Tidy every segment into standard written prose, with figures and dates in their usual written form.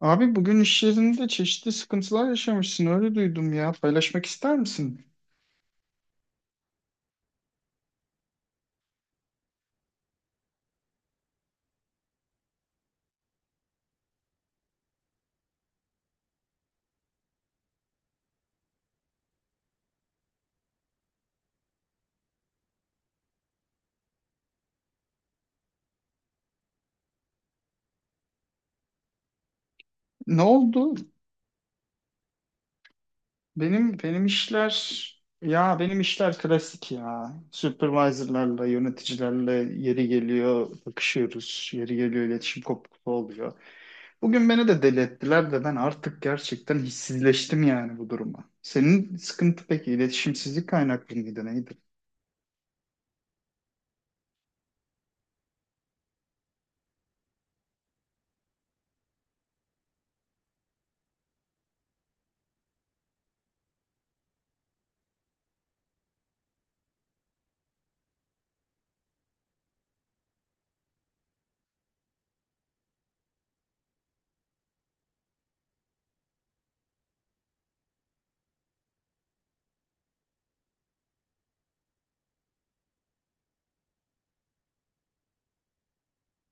Abi bugün iş yerinde çeşitli sıkıntılar yaşamışsın öyle duydum ya. Paylaşmak ister misin? Ne oldu? Benim işler ya benim işler klasik ya. Supervisor'larla, yöneticilerle yeri geliyor bakışıyoruz. Yeri geliyor iletişim kopukluğu oluyor. Bugün beni de deli ettiler de ben artık gerçekten hissizleştim yani bu duruma. Senin sıkıntı peki iletişimsizlik kaynaklı mıydı neydi?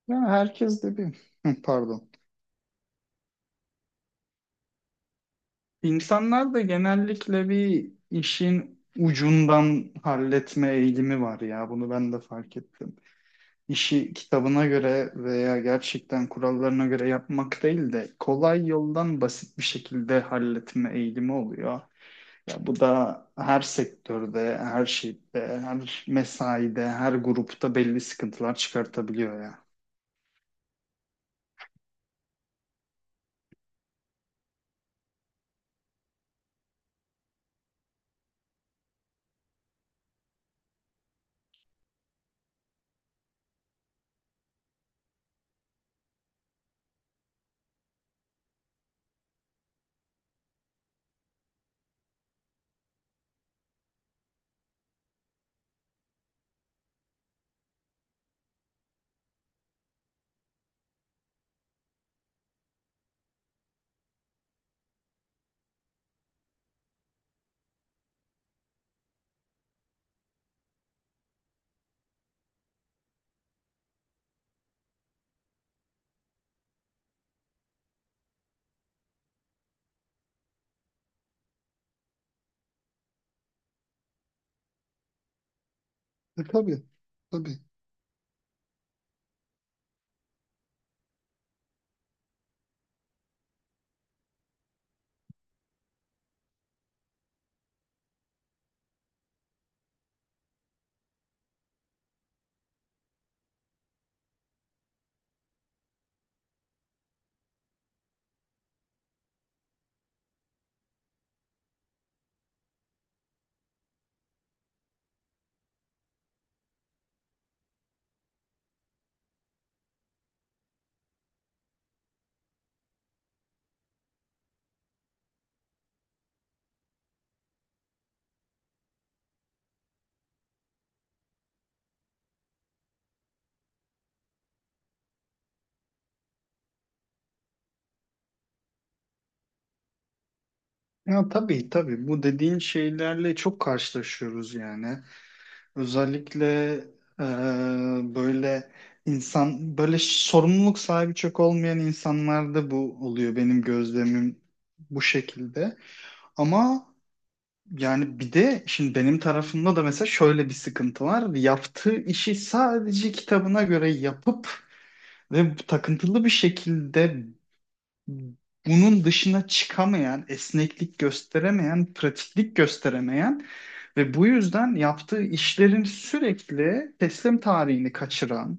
Ya herkes de bir pardon. İnsanlar da genellikle bir işin ucundan halletme eğilimi var ya. Bunu ben de fark ettim. İşi kitabına göre veya gerçekten kurallarına göre yapmak değil de kolay yoldan basit bir şekilde halletme eğilimi oluyor. Ya bu da her sektörde, her şeyde, her mesaide, her grupta belli sıkıntılar çıkartabiliyor ya. E, tabii, tabii. Ya tabii tabii bu dediğin şeylerle çok karşılaşıyoruz yani. Özellikle eee, böyle insan böyle sorumluluk sahibi çok olmayan insanlarda bu oluyor benim gözlemim bu şekilde. Ama yani bir de şimdi benim tarafımda da mesela şöyle bir sıkıntı var. Yaptığı işi sadece kitabına göre yapıp ve takıntılı bir şekilde bunun dışına çıkamayan, esneklik gösteremeyen, pratiklik gösteremeyen ve bu yüzden yaptığı işlerin sürekli teslim tarihini kaçıran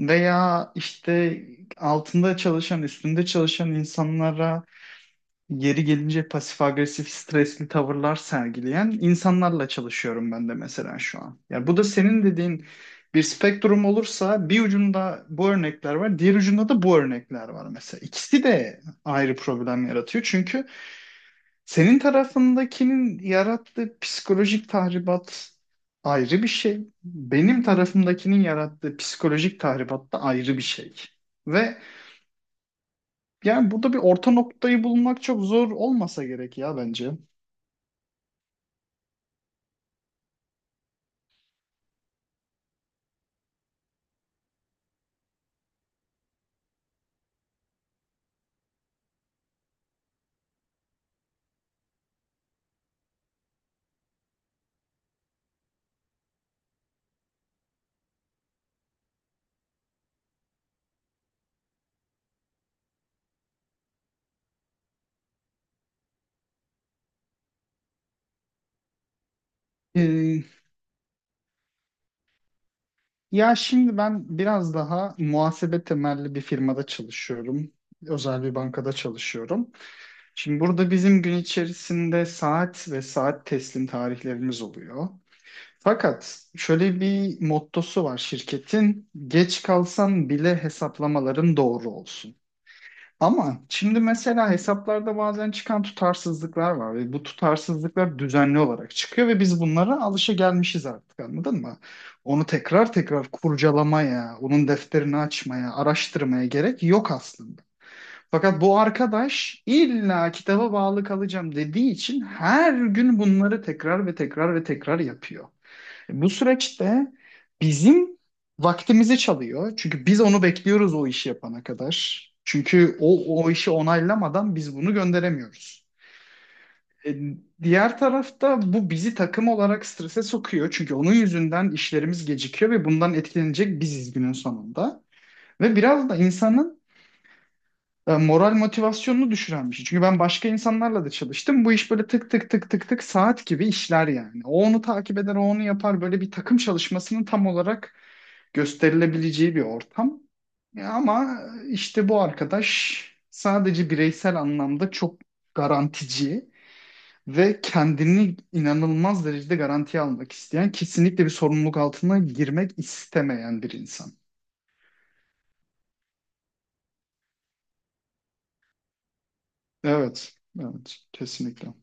veya işte altında çalışan, üstünde çalışan insanlara yeri gelince pasif agresif stresli tavırlar sergileyen insanlarla çalışıyorum ben de mesela şu an. Yani bu da senin dediğin bir spektrum olursa bir ucunda bu örnekler var, diğer ucunda da bu örnekler var mesela. İkisi de ayrı problem yaratıyor çünkü senin tarafındakinin yarattığı psikolojik tahribat ayrı bir şey. Benim tarafımdakinin yarattığı psikolojik tahribat da ayrı bir şey. Ve yani burada bir orta noktayı bulmak çok zor olmasa gerek ya bence. Ee, ya şimdi ben biraz daha muhasebe temelli bir firmada çalışıyorum. Özel bir bankada çalışıyorum. Şimdi burada bizim gün içerisinde saat ve saat teslim tarihlerimiz oluyor. Fakat şöyle bir mottosu var şirketin. Geç kalsan bile hesaplamaların doğru olsun. Ama şimdi mesela hesaplarda bazen çıkan tutarsızlıklar var ve bu tutarsızlıklar düzenli olarak çıkıyor ve biz bunlara alışagelmişiz artık anladın mı? Onu tekrar tekrar kurcalamaya, onun defterini açmaya, araştırmaya gerek yok aslında. Fakat bu arkadaş illa kitaba bağlı kalacağım dediği için her gün bunları tekrar ve tekrar ve tekrar yapıyor. Bu süreçte bizim vaktimizi çalıyor. Çünkü biz onu bekliyoruz o işi yapana kadar. Çünkü o, o işi onaylamadan biz bunu gönderemiyoruz. E, diğer tarafta bu bizi takım olarak strese sokuyor. Çünkü onun yüzünden işlerimiz gecikiyor ve bundan etkilenecek biziz günün sonunda. Ve biraz da insanın moral motivasyonunu düşüren bir şey. Çünkü ben başka insanlarla da çalıştım. Bu iş böyle tık tık tık tık tık saat gibi işler yani. O onu takip eder, o onu yapar. Böyle bir takım çalışmasının tam olarak gösterilebileceği bir ortam. Ama işte bu arkadaş sadece bireysel anlamda çok garantici ve kendini inanılmaz derecede garantiye almak isteyen, kesinlikle bir sorumluluk altına girmek istemeyen bir insan. Evet, evet, kesinlikle.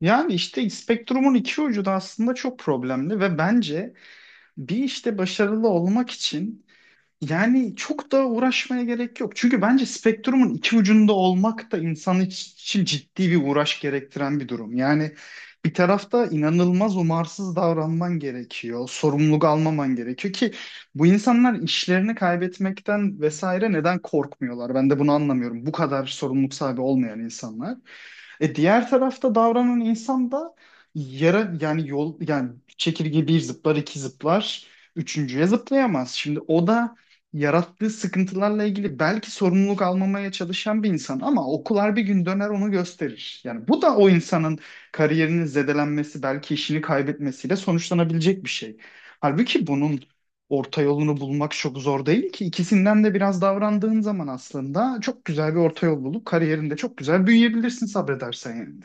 Yani işte spektrumun iki ucu da aslında çok problemli ve bence bir işte başarılı olmak için yani çok da uğraşmaya gerek yok. Çünkü bence spektrumun iki ucunda olmak da insan için ciddi bir uğraş gerektiren bir durum. Yani bir tarafta inanılmaz umarsız davranman gerekiyor. Sorumluluk almaman gerekiyor ki bu insanlar işlerini kaybetmekten vesaire neden korkmuyorlar? Ben de bunu anlamıyorum. Bu kadar sorumluluk sahibi olmayan insanlar. E diğer tarafta davranan insan da yara yani yol yani çekirge bir zıplar iki zıplar üçüncüye zıplayamaz. Şimdi o da yarattığı sıkıntılarla ilgili belki sorumluluk almamaya çalışan bir insan ama okullar bir gün döner onu gösterir. Yani bu da o insanın kariyerinin zedelenmesi belki işini kaybetmesiyle sonuçlanabilecek bir şey. Halbuki bunun orta yolunu bulmak çok zor değil ki. İkisinden de biraz davrandığın zaman aslında çok güzel bir orta yol bulup kariyerinde çok güzel büyüyebilirsin sabredersen yani.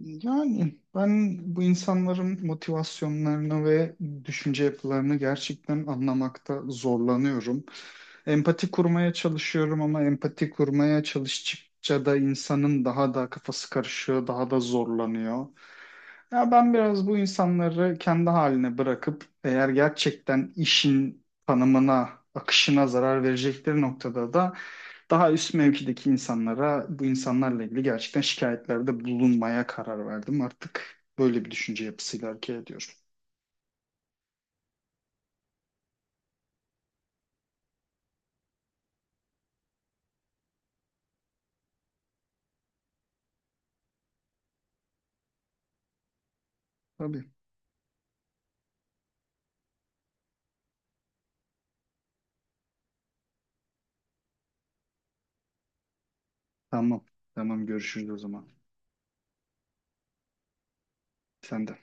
Yani ben bu insanların motivasyonlarını ve düşünce yapılarını gerçekten anlamakta zorlanıyorum. Empati kurmaya çalışıyorum ama empati kurmaya çalıştıkça da insanın daha da kafası karışıyor, daha da zorlanıyor. Ya ben biraz bu insanları kendi haline bırakıp eğer gerçekten işin tanımına, akışına zarar verecekleri noktada da daha üst mevkideki insanlara bu insanlarla ilgili gerçekten şikayetlerde bulunmaya karar verdim. Artık böyle bir düşünce yapısıyla hareket ediyorum. Tabii. Tamam. Tamam görüşürüz o zaman. Sen de.